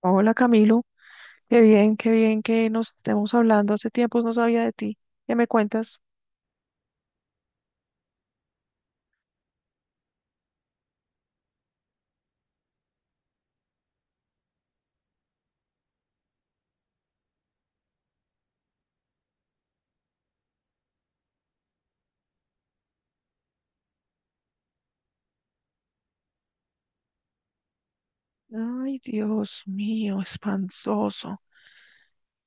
Hola Camilo, qué bien que nos estemos hablando. Hace tiempos no sabía de ti. ¿Qué me cuentas? Ay, Dios mío, espansoso.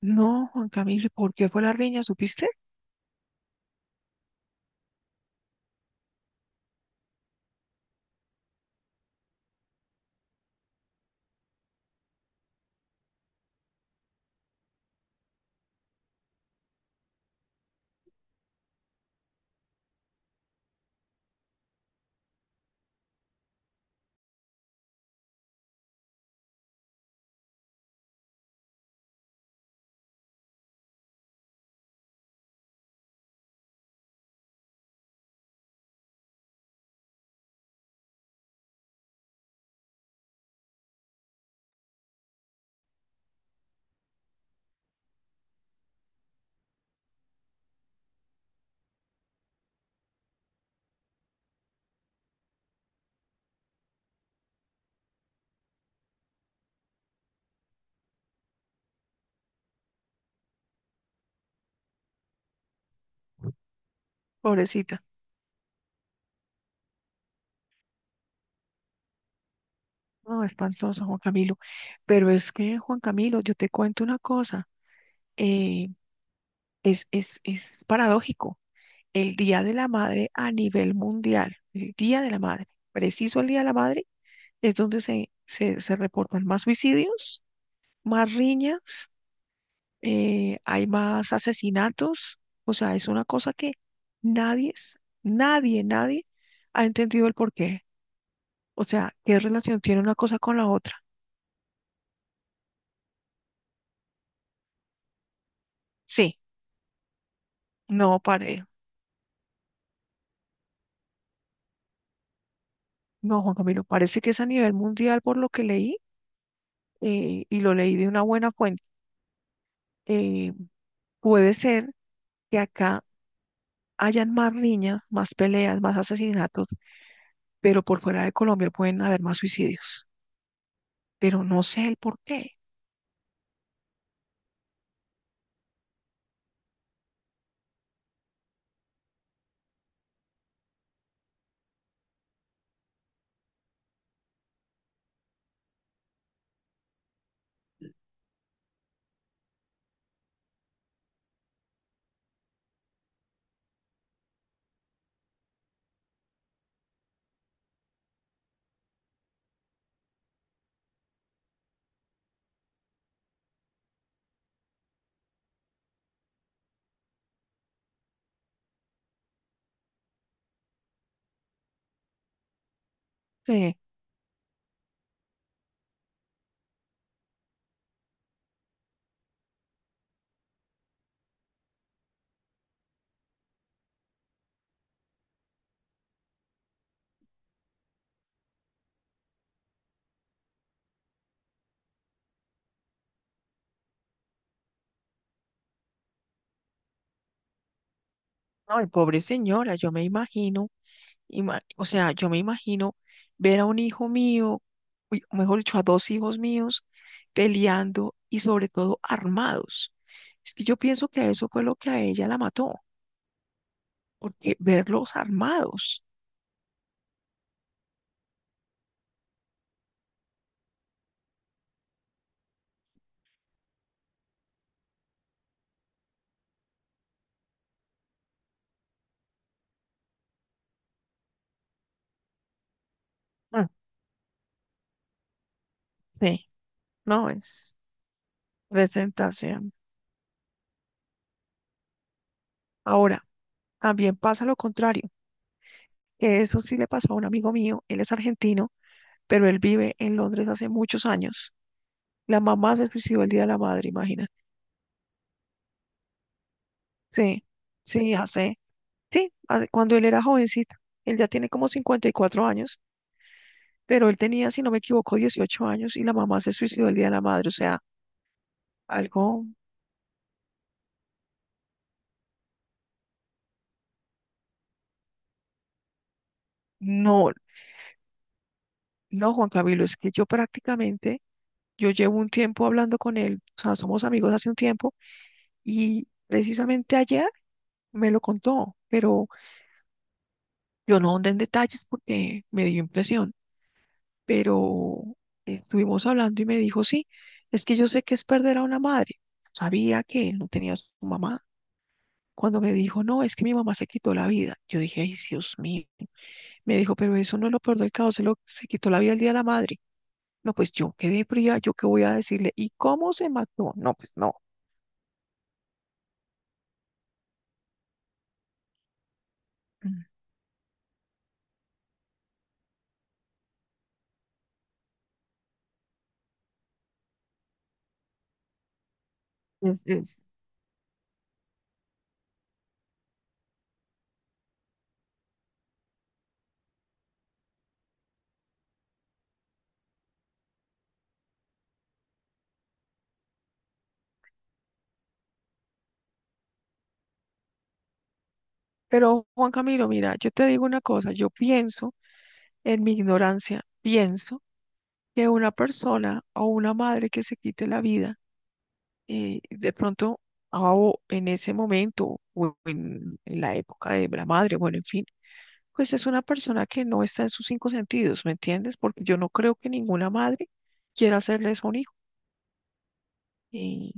No, Juan Camilo, ¿por qué fue la riña? ¿Supiste? Pobrecita. No, espansoso, Juan Camilo. Pero es que, Juan Camilo, yo te cuento una cosa. eh, es paradójico. El Día de la Madre a nivel mundial, el Día de la Madre, preciso el Día de la Madre, es donde se reportan más suicidios, más riñas, hay más asesinatos. O sea, es una cosa que nadie, es- nadie, nadie ha entendido el porqué. O sea, ¿qué relación tiene una cosa con la otra? Sí, no, pare, no, Juan Camilo, parece que es a nivel mundial por lo que leí, y lo leí de una buena fuente. Eh, puede ser que acá hayan más riñas, más peleas, más asesinatos, pero por fuera de Colombia pueden haber más suicidios. Pero no sé el porqué. Sí. Ay, pobre señora, yo me o sea, yo me imagino ver a un hijo mío, uy, o mejor dicho, a dos hijos míos peleando y sobre todo armados. Es que yo pienso que eso fue lo que a ella la mató, porque verlos armados, mm, sí, no es presentación. Ahora, también pasa lo contrario, que eso sí le pasó a un amigo mío, él es argentino, pero él vive en Londres hace muchos años. La mamá se suicidó el Día de la Madre, imagínate. Sí, sí, hace sí, cuando él era jovencito. Él ya tiene como 54 años, pero él tenía, si no me equivoco, 18 años y la mamá se suicidó el Día de la Madre. O sea, algo, no, no, Juan Camilo, es que yo prácticamente, yo llevo un tiempo hablando con él, o sea, somos amigos hace un tiempo y precisamente ayer me lo contó, pero yo no ahondé en detalles porque me dio impresión, pero estuvimos hablando y me dijo, sí, es que yo sé que es perder a una madre. Sabía que él no tenía a su mamá. Cuando me dijo, no, es que mi mamá se quitó la vida, yo dije, ay, Dios mío. Me dijo, pero eso no es lo peor del caso, se quitó la vida el Día de la Madre. No, pues yo quedé fría, yo qué voy a decirle, ¿y cómo se mató? No, pues no. Es- es- Pero Juan Camilo, mira, yo te digo una cosa, yo pienso, en mi ignorancia, pienso que una persona o una madre que se quite la vida, de pronto, ah, o en ese momento, en la época de la madre, bueno, en fin, pues es una persona que no está en sus cinco sentidos, ¿me entiendes? Porque yo no creo que ninguna madre quiera hacerle eso a un hijo. Y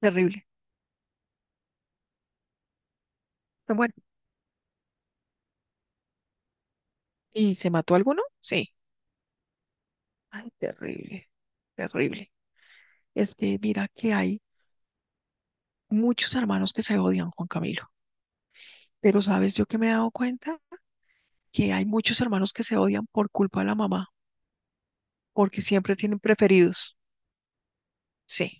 terrible. Pero bueno, ¿y se mató alguno? Sí. Ay, terrible, terrible. Es que mira que hay muchos hermanos que se odian, Juan Camilo. Pero sabes yo que me he dado cuenta que hay muchos hermanos que se odian por culpa de la mamá, porque siempre tienen preferidos. Sí.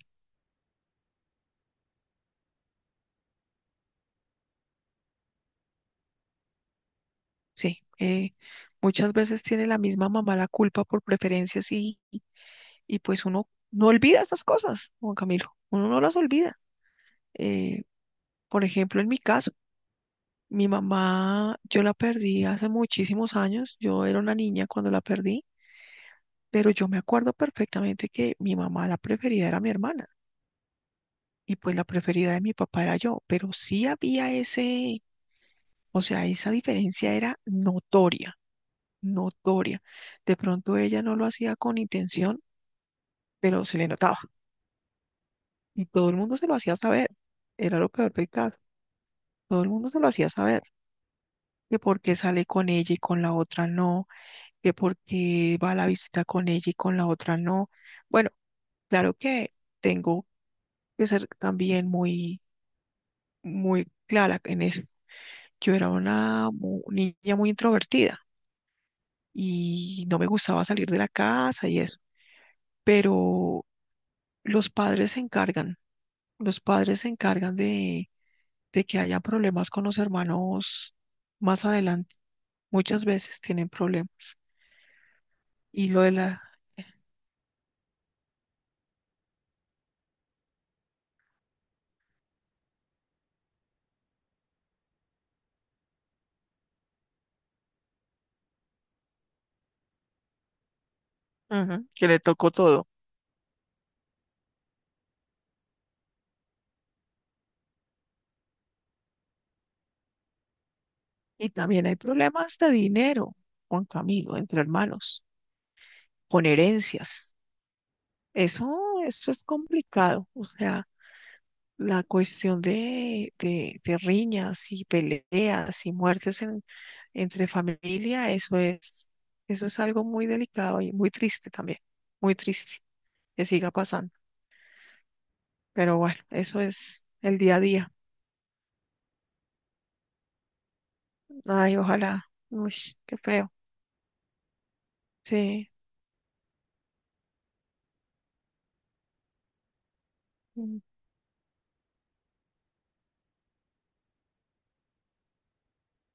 Sí, muchas veces tiene la misma mamá la culpa por preferencias y pues uno no olvida esas cosas, Juan Camilo, uno no las olvida. Eh, por ejemplo, en mi caso, mi mamá, yo la perdí hace muchísimos años, yo era una niña cuando la perdí, pero yo me acuerdo perfectamente que mi mamá la preferida era mi hermana y pues la preferida de mi papá era yo, pero sí había ese, o sea, esa diferencia era notoria, notoria. De pronto ella no lo hacía con intención pero se le notaba y todo el mundo se lo hacía saber. Era lo peor del caso. Todo el mundo se lo hacía saber. Que por qué sale con ella y con la otra no, que por qué va a la visita con ella y con la otra no. Bueno, claro que tengo que ser también muy, muy clara en eso. Yo era una niña muy introvertida y no me gustaba salir de la casa y eso, pero los padres se encargan, los padres se encargan de que haya problemas con los hermanos más adelante. Muchas veces tienen problemas. Y lo de la, ujú, que le tocó todo. Y también hay problemas de dinero, Juan Camilo, entre hermanos, con herencias. Eso, eso es complicado. O sea, la cuestión de riñas y peleas y muertes en, entre familia, eso es algo muy delicado y muy triste también, muy triste que siga pasando. Pero bueno, eso es el día a día. Ay, ojalá. Uy, qué feo. Sí, mm,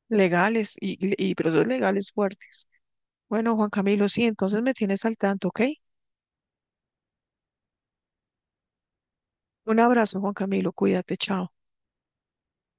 legales y procesos legales fuertes. Bueno, Juan Camilo, sí, entonces me tienes al tanto, ¿ok? Un abrazo, Juan Camilo, cuídate, chao.